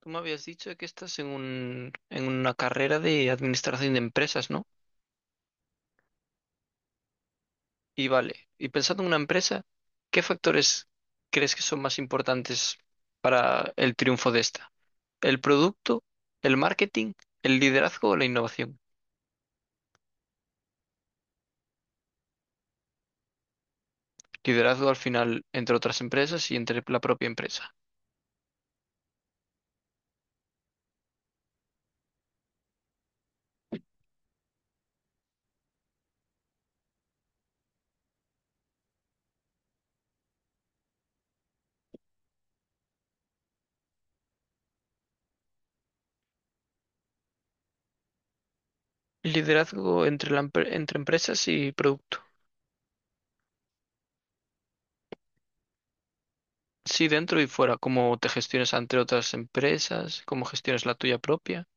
Tú me habías dicho que estás en una carrera de administración de empresas, ¿no? Y vale, y pensando en una empresa, ¿qué factores crees que son más importantes para el triunfo de esta? ¿El producto, el marketing, el liderazgo o la innovación? Liderazgo al final entre otras empresas y entre la propia empresa. Liderazgo entre empresas y producto. Sí, dentro y fuera, cómo te gestiones entre otras empresas, cómo gestiones la tuya propia.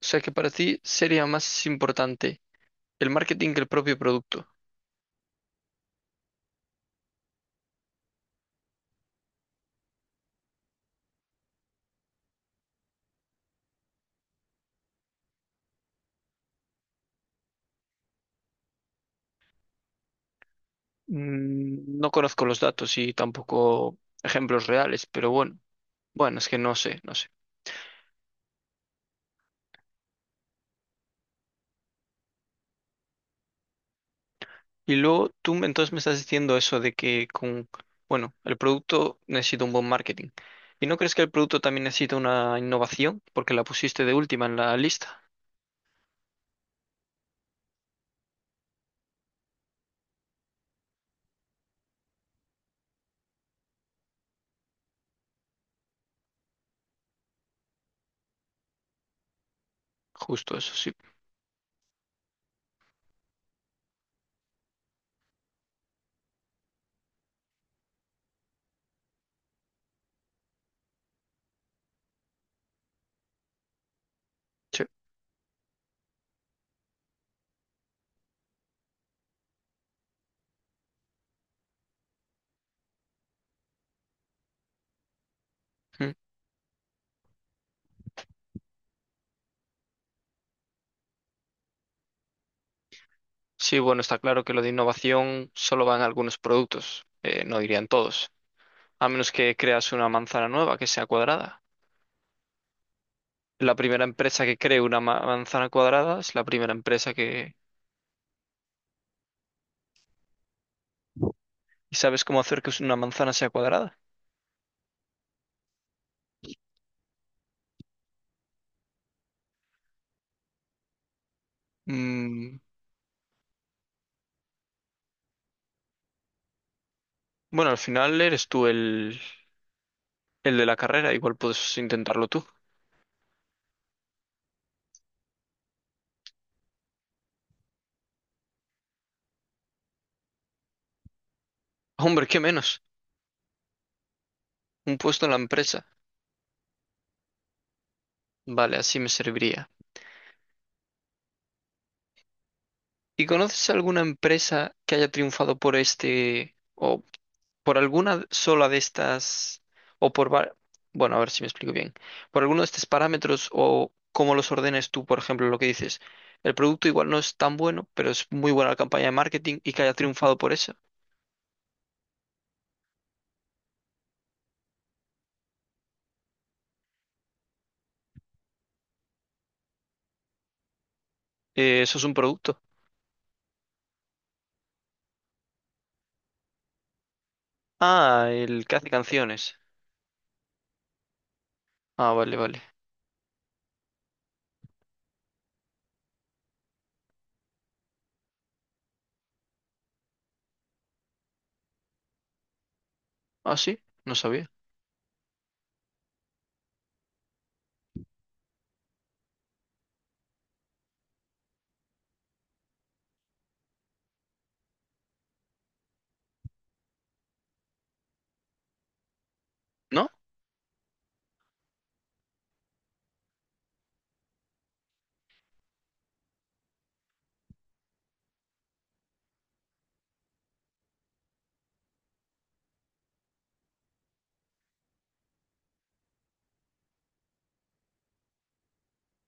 O sea que para ti sería más importante el marketing que el propio producto. Mm, no conozco los datos y tampoco ejemplos reales, pero bueno, bueno, es que no sé, no sé. Entonces me estás diciendo eso de bueno, el producto necesita un buen marketing. ¿Y no crees que el producto también necesita una innovación? Porque la pusiste de última en la lista. Justo eso, sí. Sí. Mm. Sí, bueno, está claro que lo de innovación solo van a algunos productos, no dirían todos. A menos que creas una manzana nueva que sea cuadrada. La primera empresa que cree una manzana cuadrada es la primera empresa que... ¿Y sabes cómo hacer que una manzana sea cuadrada? Mm, bueno, al final eres el de la carrera, igual puedes intentarlo tú. Hombre, qué menos. Un puesto en la empresa. Vale, así me serviría. ¿Y conoces alguna empresa que haya triunfado por este o por alguna sola de estas, o por, va- bueno, a ver si me explico bien, por alguno de estos parámetros o cómo los ordenes tú, por ejemplo, lo que dices, el producto igual no es tan bueno, pero es muy buena la campaña de marketing y que haya triunfado por eso. Eso es un producto. Ah, el que hace canciones. Ah, vale, vale. Ah, sí, no sabía. ¿No?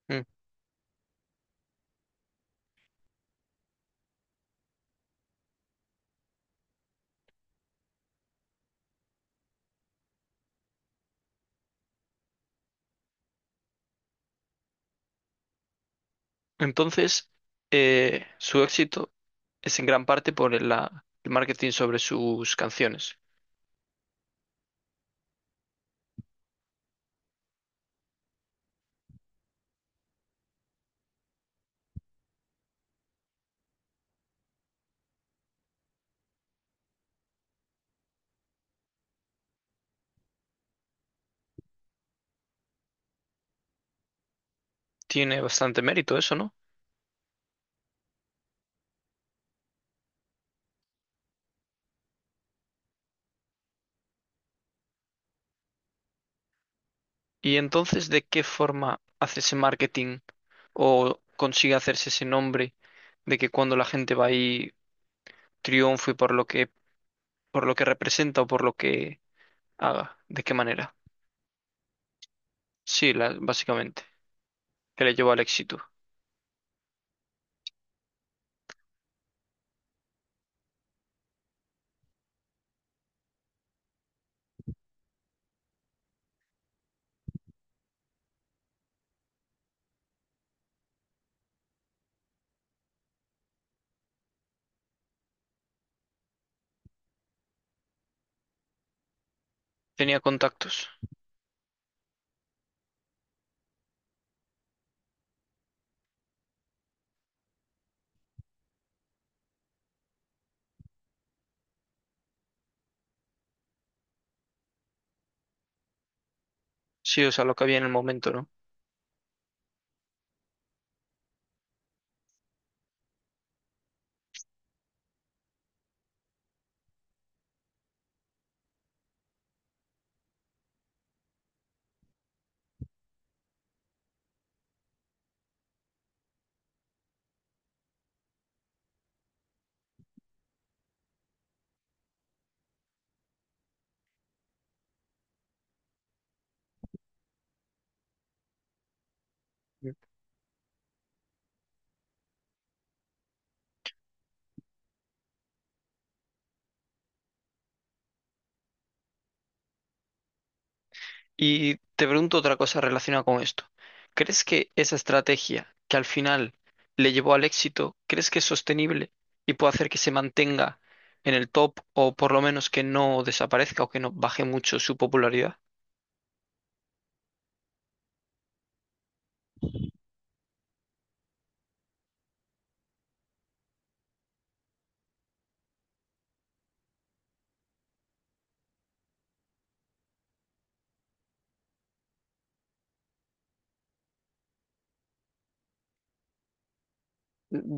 Mm. Entonces, su éxito es en gran parte por el marketing sobre sus canciones. Tiene bastante mérito eso, ¿no? ¿Y entonces de qué forma hace ese marketing o consigue hacerse ese nombre de que cuando la gente va ahí triunfe por lo que representa o por lo que haga? ¿De qué manera? Sí, básicamente, que le llevó al éxito. Tenía contactos. Sí, o sea, lo que había en el momento, ¿no? Y te pregunto otra cosa relacionada con esto. ¿Crees que esa estrategia que al final le llevó al éxito, crees que es sostenible y puede hacer que se mantenga en el top o por lo menos que no desaparezca o que no baje mucho su popularidad?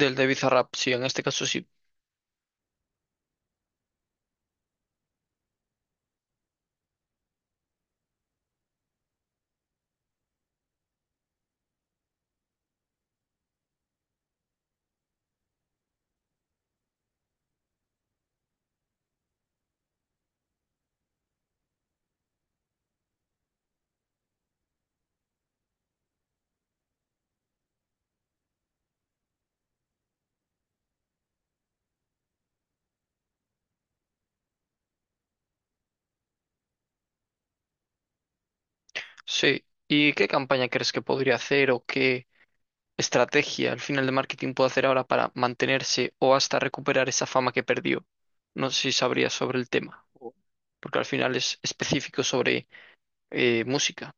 Del de Bizarrap, sí, en este caso sí. Sí. ¿Y qué campaña crees que podría hacer o qué estrategia al final de marketing puede hacer ahora para mantenerse o hasta recuperar esa fama que perdió? No sé si sabrías sobre el tema, o porque al final es específico sobre eh, música.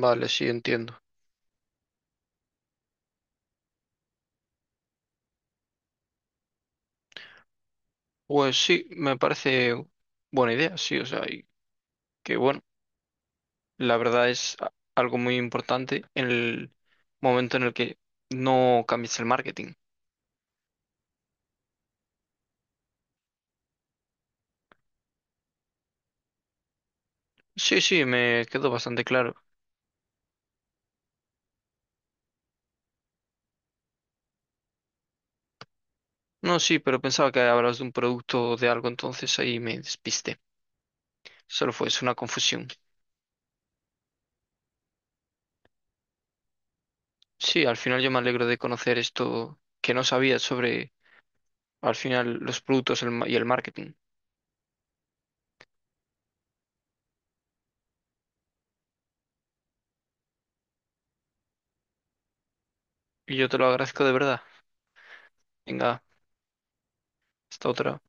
Vale, sí, entiendo. Pues sí, me parece buena idea, sí, o sea, y que bueno, la verdad es algo muy importante en el momento en el que no cambies el marketing. Sí, sí, me quedó bastante claro. No, sí, pero pensaba que hablabas de un producto o de algo, entonces ahí me despisté. Solo fue, es una confusión. Sí, al final yo me alegro de conocer esto que no sabía sobre, al final, los productos y el marketing. Y yo te lo agradezco de verdad. Venga, hasta otra.